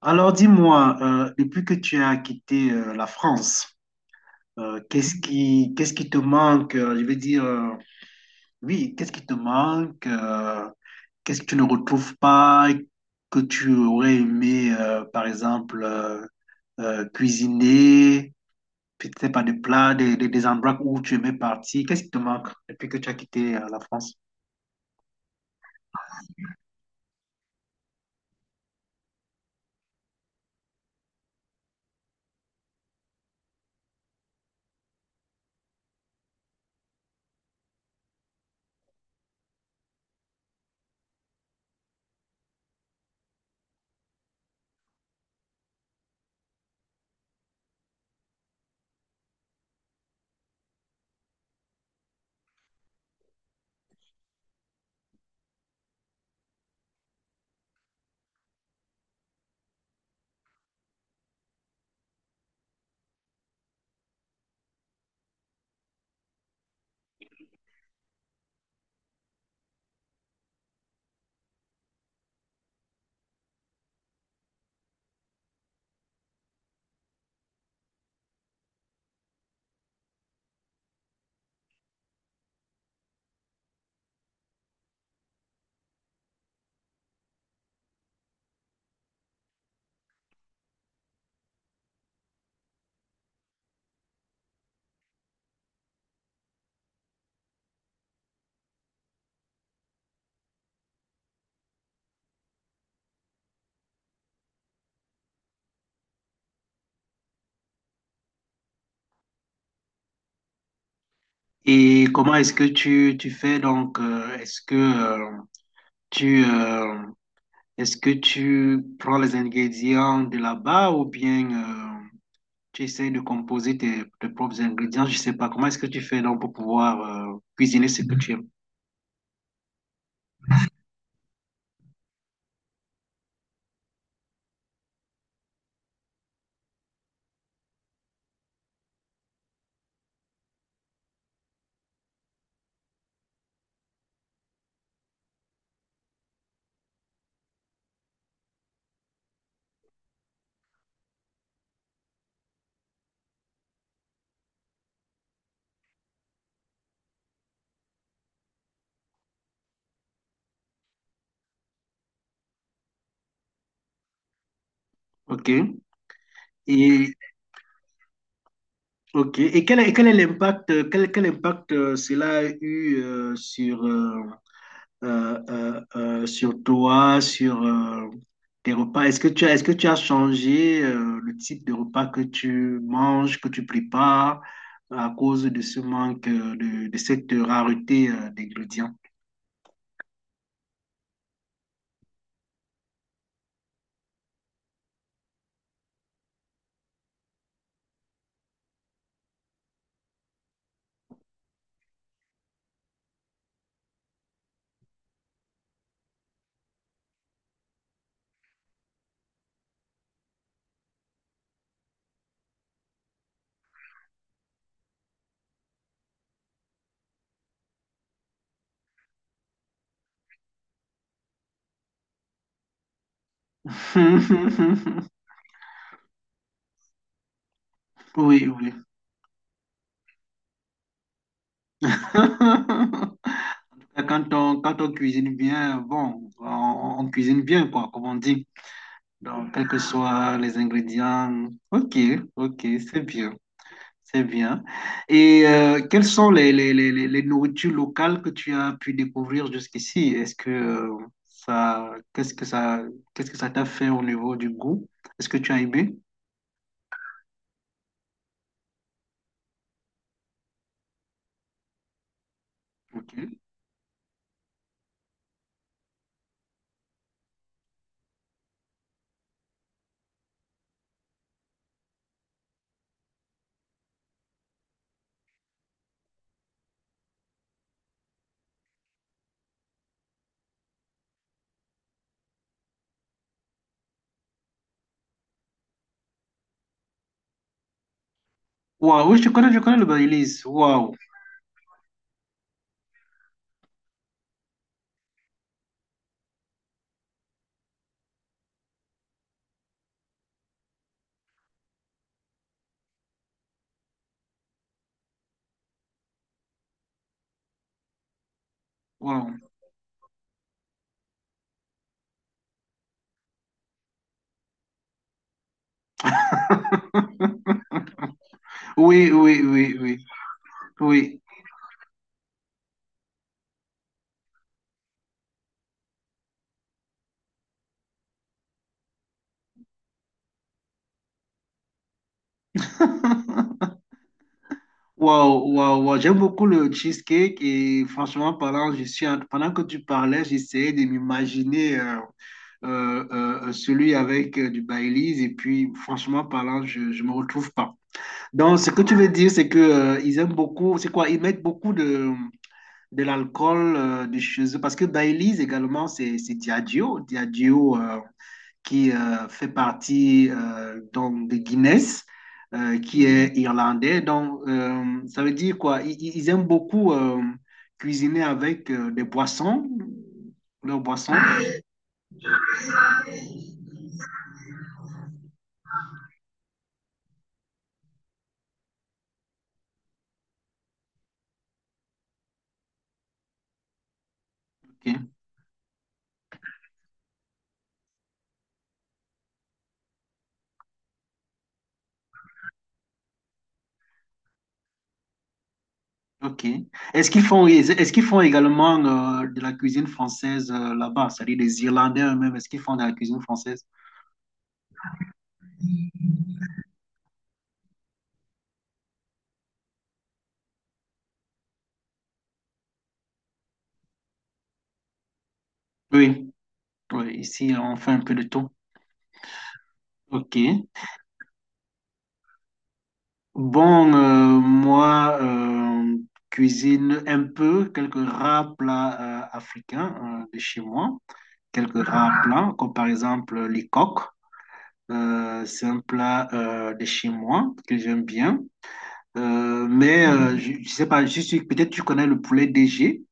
Alors dis-moi, depuis que tu as quitté la France, qu'est-ce qui te manque? Je veux dire, oui, qu'est-ce qui te manque? Qu'est-ce que tu ne retrouves pas et que tu aurais aimé, par exemple, cuisiner, peut-être pas des plats, des endroits où tu aimais partir. Qu'est-ce qui te manque depuis que tu as quitté la France? Et comment est-ce que tu fais donc? Est-ce que tu, euh, est-ce que tu prends les ingrédients de là-bas ou bien tu essaies de composer tes propres ingrédients? Je sais pas. Comment est-ce que tu fais donc pour pouvoir cuisiner ce que tu aimes? OK. Et, ok. Et quel est l'impact, quel impact cela a eu sur, sur toi, sur tes repas. Est-ce que est-ce que tu as changé le type de repas que tu manges, que tu prépares à cause de ce manque, de cette rareté d'ingrédients? Oui, oui. Quand quand on cuisine bien, bon, on cuisine bien, quoi, comme on dit. Donc, quels que soient les ingrédients. Ok, ok, c'est bien. C'est bien. Et quelles sont les nourritures locales que tu as pu découvrir jusqu'ici? Est-ce que ça, qu'est-ce que ça, qu'est-ce que ça t'a fait au niveau du goût? Est-ce que tu as aimé? Ok. Waouh, oui, je connais le Baileys. Waouh, waouh. Oui, oui, oui, oui, oui. Waouh, waouh, waouh. J'aime beaucoup le cheesecake et franchement parlant, pendant que tu parlais, j'essayais de m'imaginer. Celui avec du Baileys. Et puis, franchement parlant, je ne me retrouve pas. Donc, ce que tu veux dire, c'est que ils aiment beaucoup, c'est quoi? Ils mettent beaucoup de l'alcool de chez eux. Parce que Baileys également, c'est Diageo. Diageo qui fait partie donc de Guinness, qui est irlandais. Donc, ça veut dire quoi? Ils aiment beaucoup cuisiner avec des boissons, leurs boissons. Ok. Est-ce qu'ils font également de la cuisine française là-bas? C'est-à-dire des Irlandais eux-mêmes, est-ce qu'ils font de la cuisine française? Oui. Oui, ici, on fait un peu de tout. Ok. Bon, cuisine un peu, quelques rares plats africains de chez moi. Quelques rares plats, comme par exemple les coques. C'est un plat de chez moi que j'aime bien. Je sais pas, je suis, peut-être tu connais le poulet DG.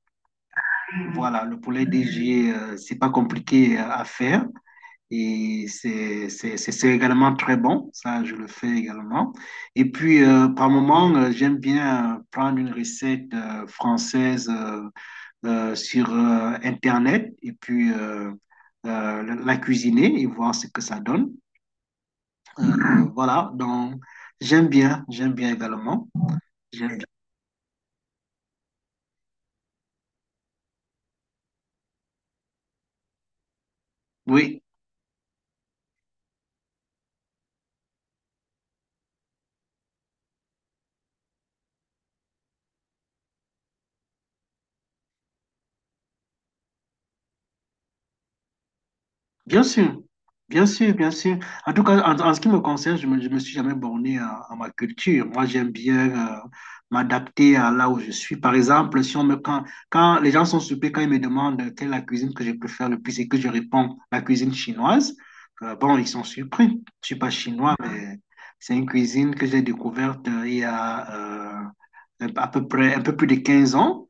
Voilà, le poulet DG, c'est pas compliqué à faire et c'est également très bon. Ça, je le fais également. Et puis, par moment, j'aime bien prendre une recette française sur Internet et puis la cuisiner et voir ce que ça donne. Euh, voilà, donc j'aime bien également. J'aime bien. Oui. Bien sûr, bien sûr, bien sûr. En tout cas, en ce qui me concerne, je me suis jamais borné à ma culture. Moi, j'aime bien m'adapter à là où je suis. Par exemple, si on me, quand, quand les gens sont surpris, quand ils me demandent quelle est la cuisine que je préfère le plus et que je réponds la cuisine chinoise, bon, ils sont surpris. Je ne suis pas chinois, mais c'est une cuisine que j'ai découverte il y a à peu près un peu plus de 15 ans.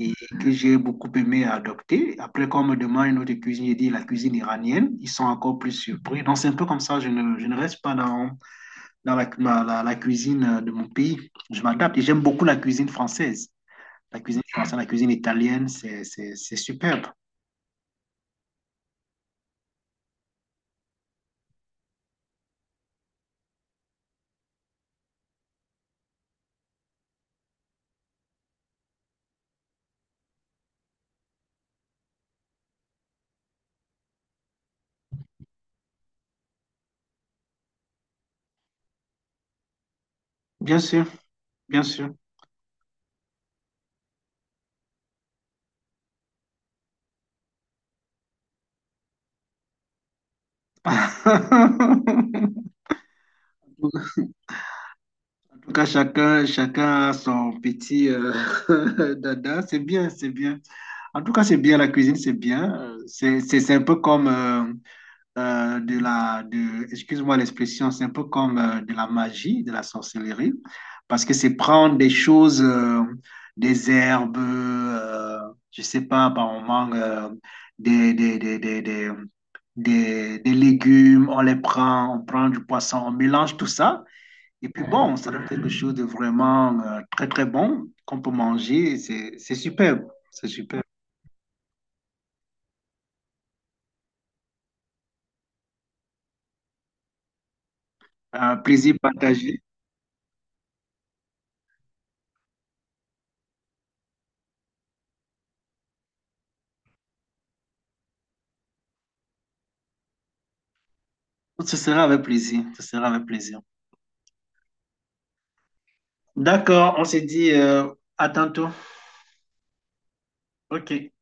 Et que j'ai beaucoup aimé adopter. Après, quand on me demande une autre cuisine, je dis la cuisine iranienne. Ils sont encore plus surpris. Donc, c'est un peu comme ça. Je ne reste pas dans, dans la cuisine de mon pays. Je m'adapte et j'aime beaucoup la cuisine française. La cuisine française, la cuisine italienne, c'est superbe. Bien sûr, bien sûr. En tout cas, chacun, chacun a son petit dada. C'est bien, c'est bien. En tout cas, c'est bien, la cuisine, c'est bien. C'est, c'est un peu comme excuse-moi l'expression, c'est un peu comme de la magie, de la sorcellerie, parce que c'est prendre des choses, des herbes, je sais pas, par moment, des, des, des, des, des, des légumes, on les prend, on prend du poisson, on mélange tout ça, et puis bon, ça donne quelque chose de vraiment très, très bon qu'on peut manger, et c'est superbe, c'est superbe. Un plaisir partagé. Ce sera avec plaisir, ce sera avec plaisir. D'accord, on s'est dit à tantôt. Ok.